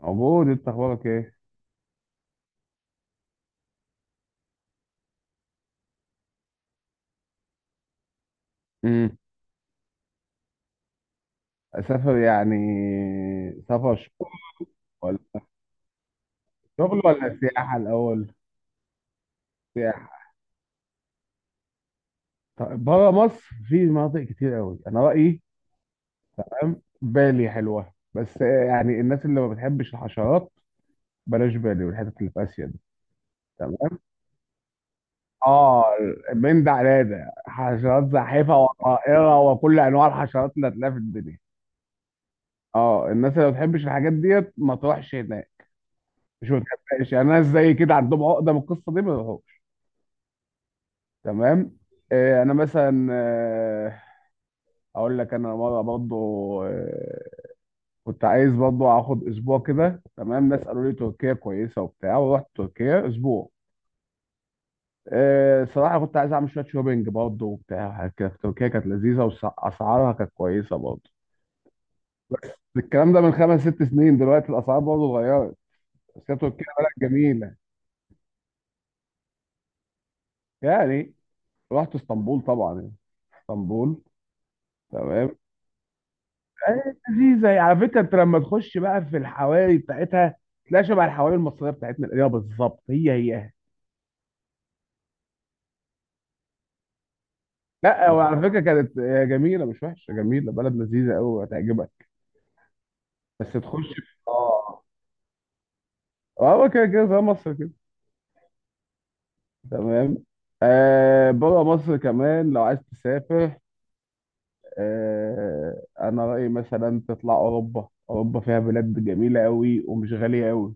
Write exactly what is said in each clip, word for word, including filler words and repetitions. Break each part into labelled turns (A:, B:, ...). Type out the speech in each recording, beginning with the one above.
A: عبود انت اخبارك ايه؟ امم اسافر يعني سفر ش- ولا شغل ولا سياحه الاول؟ سياحه. طيب بره مصر في مناطق كتير قوي انا رايي، فاهم، بالي حلوه، بس يعني الناس اللي ما بتحبش الحشرات بلاش بالي والحتت اللي في اسيا دي. تمام؟ اه، من ده على ده حشرات زاحفه وطائره وكل انواع الحشرات اللي هتلاقيها في الدنيا. اه الناس اللي ما بتحبش الحاجات ديت ما تروحش هناك، مش ما تحبهاش يعني، ناس زي كده عندهم عقده من القصه دي ما يروحوش. تمام. آه، انا مثلا آه، اقول لك، انا مره برضو آه، كنت عايز برضو اخد اسبوع كده. تمام، ناس قالوا لي تركيا كويسه وبتاع، ورحت تركيا اسبوع. آه، صراحه كنت عايز اعمل شويه شوبينج برضو وبتاع، وحاجات كده في تركيا كانت لذيذه، واسعارها كانت كويسه برضو. الكلام ده من خمس ست سنين، دلوقتي الاسعار برضو اتغيرت، بس هي تركيا بلد جميله. يعني رحت اسطنبول طبعا، يعني اسطنبول. تمام، أيوة لذيذة. يعني على فكرة أنت لما تخش بقى في الحواري بتاعتها تلاقي شبه الحواري المصرية بتاعتنا القديمة بالظبط، هي هي. لا وعلى فكرة كانت جميلة، مش وحشة، جميلة، بلد لذيذة أوي، هتعجبك. بس تخش في، آه، آه كده كده زي مصر كده. تمام. آه بره مصر كمان لو عايز تسافر، آه أنا رأيي مثلا تطلع أوروبا، أوروبا فيها بلاد جميلة أوي ومش غالية أوي.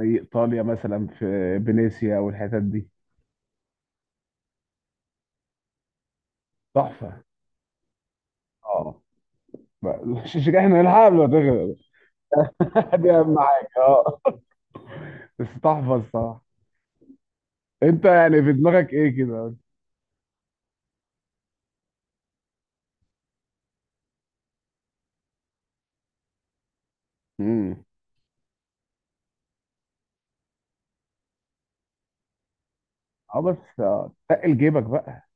A: زي إيطاليا مثلا، في فينيسيا والحتت دي، تحفة. اه، مش مش احنا نلحق قبل ما تغرق. دي اهم حاجه، اه، بس تحفظ صح. انت يعني في دماغك ايه كده؟ امم اه بس آه، تقل جيبك بقى.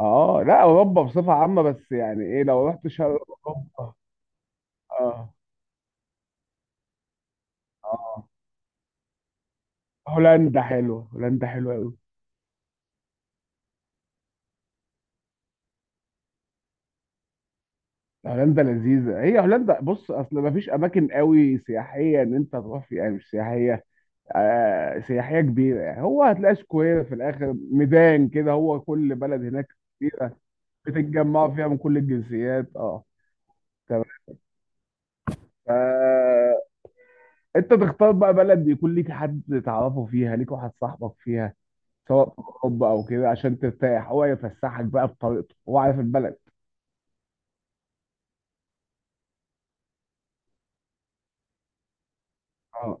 A: اه، لا، اوروبا بصفه عامه، بس يعني ايه لو رحت شرق اوروبا. اه اه، هولندا حلوه، هولندا حلوه قوي. هولندا لذيذه، هي هولندا بص، اصل ما فيش اماكن قوي سياحيه ان انت تروح فيها، يعني مش سياحيه آه سياحيه كبيره. يعني هو هتلاقي سكوير في الاخر، ميدان كده، هو كل بلد هناك كبيره بتتجمعوا فيها من كل الجنسيات، اه. تمام. فانت تختار بقى بلد يكون ليك حد تعرفه فيها، ليك واحد صاحبك فيها، سواء في الحب او كده، عشان ترتاح، هو يفسحك بقى بطريقته، هو عارف البلد. اه،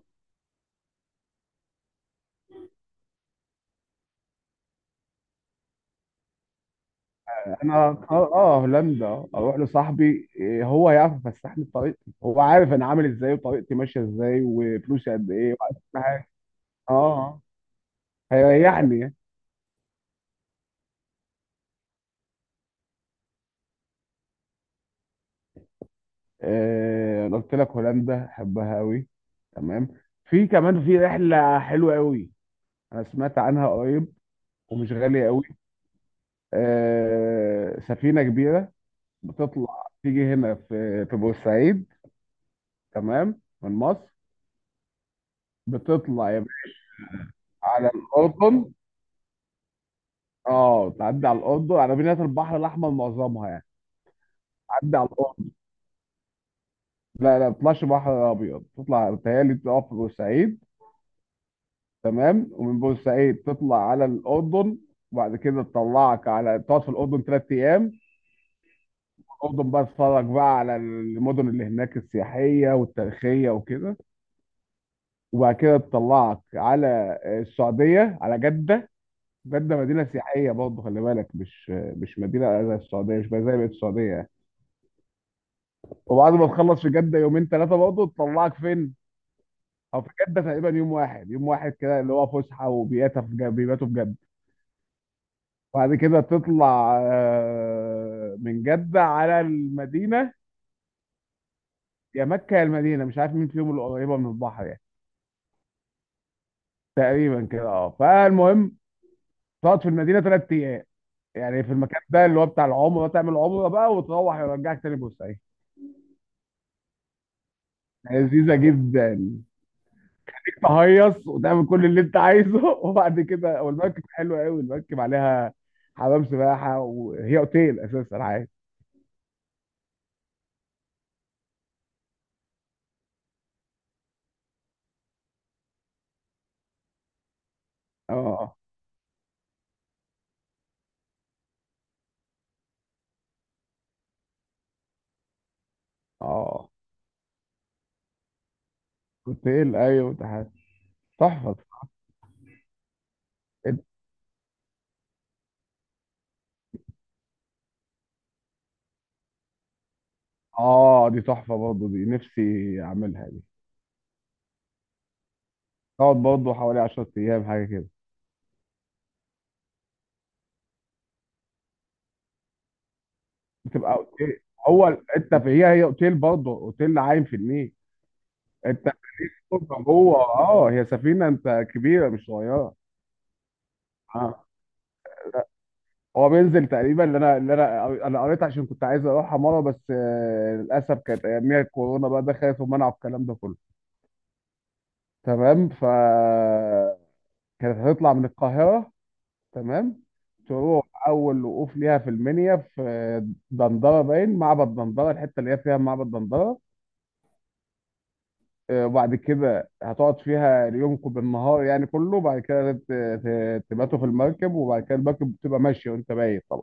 A: انا اه، آه، هولندا. اروح لصاحبي، إيه، هو هيعرف يفسحني بطريقتي، هو عارف انا عامل ازاي، وطريقتي ماشيه ازاي، وفلوسي قد ايه، وعارف كل حاجه. اه، آه، هيريحني. آه، انا قلت لك هولندا احبها قوي. تمام. في كمان في رحله حلوه قوي، انا سمعت عنها قريب، ومش غالية قوي. آه، سفينة كبيرة بتطلع تيجي هنا في في بورسعيد، تمام، من مصر. بتطلع يا باشا على الأردن، اه، تعدي على الأردن، على مدينة البحر الأحمر معظمها يعني. تعدي على الأردن. لا لا ما بتطلعش بحر أبيض، تطلع بتهيألي تقف في بورسعيد، تمام، ومن بورسعيد تطلع على الأردن، وبعد كده تطلعك على، تقعد في الأردن ثلاث أيام. الاردن بقى اتفرج بقى على المدن اللي هناك السياحيه والتاريخيه وكده. وبعد كده تطلعك على السعوديه، على جده. جده مدينه سياحيه برضه، خلي بالك، مش مش مدينه زي السعوديه، مش زي بقيه السعوديه يعني. وبعد ما تخلص في جده يومين ثلاثه، برضه تطلعك فين؟ او في جده تقريبا يوم واحد، يوم واحد كده، اللي هو فسحه وبياتا في جده، بيباتوا في جده. وبعد كده تطلع آه، من جده على المدينه، يا مكه يا المدينه، مش عارف مين فيهم اللي قريبه من البحر يعني. تقريبا كده، اه، فالمهم تقعد في المدينه ثلاث ايام، يعني في المكان ده اللي هو بتاع العمره، تعمل عمره بقى، وتروح يرجعك تاني بورسعيد. يعني لذيذه جدا، تهيص وتعمل كل اللي انت عايزه وبعد كده، والمركب حلوه قوي المركب، عليها حمام سباحه، وهي اوتيل اساسا عادي. اه، اه، اوتيل، ايوه ده تحفه. اه دي تحفه برضه، دي نفسي اعملها دي. تقعد برضه حوالي عشر ايام حاجه كده. بتبقى اوتيل، هو ال- انت في، هي هي اوتيل برضه، اوتيل عايم في النيل. انت بتبقى جوه، اه، هي سفينه انت كبيره مش صغيره. اه، هو بينزل تقريبا، اللي انا اللي انا انا قريت عشان كنت عايز اروحها مره، بس آه، للاسف كانت اياميها الكورونا بقى دخلت ومنعوا الكلام ده كله. تمام، ف كانت هتطلع من القاهره، تمام، تروح اول وقوف ليها في المنيا، في دندره باين، معبد دندره، الحته اللي هي فيها معبد دندره. آه، وبعد كده هتقعد فيها يومكم بالنهار يعني كله، بعد كده ت- ت- تباتوا في المركب، وبعد كده المركب بتبقى ماشية وانت بايت طبعا.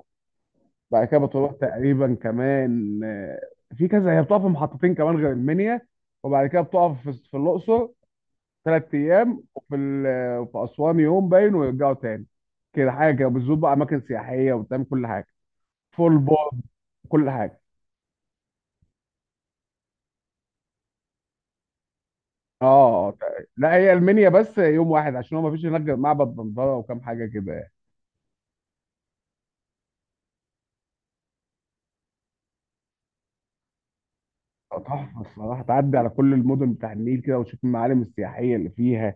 A: بعد كده بتروح تقريبا كمان، آه، في كذا، هي بتقف في محطتين كمان غير المنيا، وبعد كده بتقف في في الأقصر ثلاث أيام، وفي ال- في أسوان يوم باين، ويرجعوا تاني. كده حاجة كده، بتزور بقى أماكن سياحية وبتعمل كل حاجة، فول بورد، كل حاجة. اه، آه، لا هي المنيا بس يوم واحد، عشان هو مفيش هناك غير معبد دندرة وكام حاجة كده. تحفة الصراحة، تعدي على كل المدن بتاع النيل كده، وتشوف المعالم السياحية اللي فيها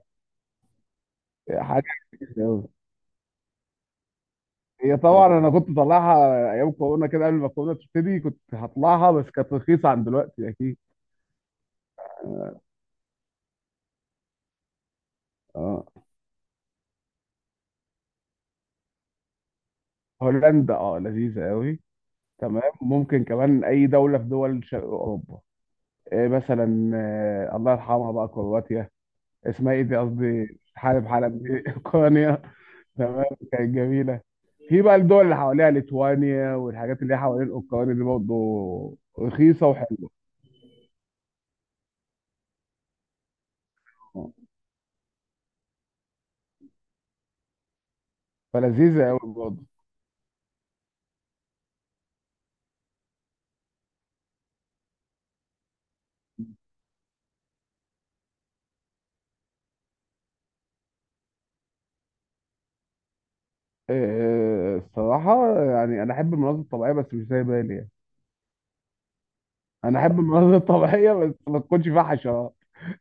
A: حاجة كتير أوي. هي طبعا أنا كنت طالعها أيام كورونا كده، قبل ما كورونا تبتدي كنت هطلعها، بس كانت رخيصة عن دلوقتي أكيد. اه، هولندا اه لذيذة أوي. تمام، ممكن كمان أي دولة في دول شرق أوروبا. إيه مثلا، آه، الله يرحمها بقى، كرواتيا، اسمها إيه دي، قصدي حالب، حلب دي أوكرانيا. تمام، كانت جميله. في بقى الدول اللي حواليها، ليتوانيا والحاجات اللي هي حوالين اوكرانيا دي برضه رخيصه وحلوه، فلذيذه قوي برضه. إيه، الصراحه يعني انا احب المناظر الطبيعيه، بس مش زي بالي يعني. انا احب المناظر الطبيعيه بس ما تكونش فيها حشرات،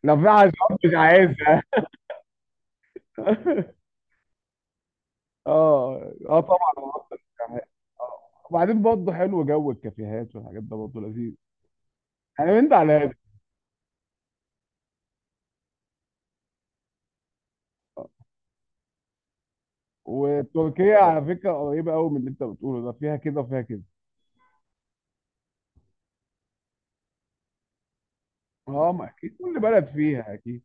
A: لو فيها حشرات مش عايزها اه، اه طبعا المناظر الطبيعية. آه. وبعدين برضه حلو جو الكافيهات والحاجات ده برضه لذيذ. انا من ده على ده. وتركيا على فكره قريبه قوي من اللي انت بتقوله ده، فيها كده وفيها كده. اه، ما اكيد كل بلد فيها اكيد.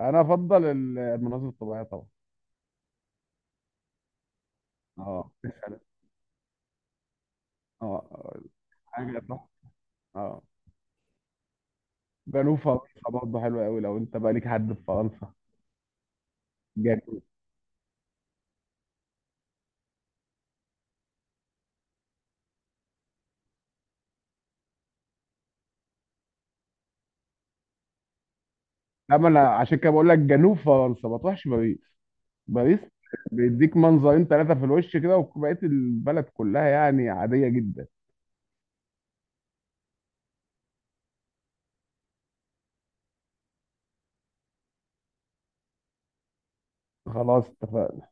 A: انا افضل ال- المناظر الطبيعيه طبعا. اه فعلا. اه، الحاجه تحفه، اه. جنوب فرنسا برضه حلوه قوي لو انت بقى ليك حد في فرنسا، جنوب. لما انا عشان كده بقول لك جنوب فرنسا، ما تروحش باريس. باريس بيديك منظرين ثلاثة في الوش كده، وبقيه البلد كلها يعني عاديه جدا. خلاص اتفقنا.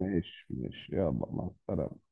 A: ماشي ماشي يلا مع السلامه.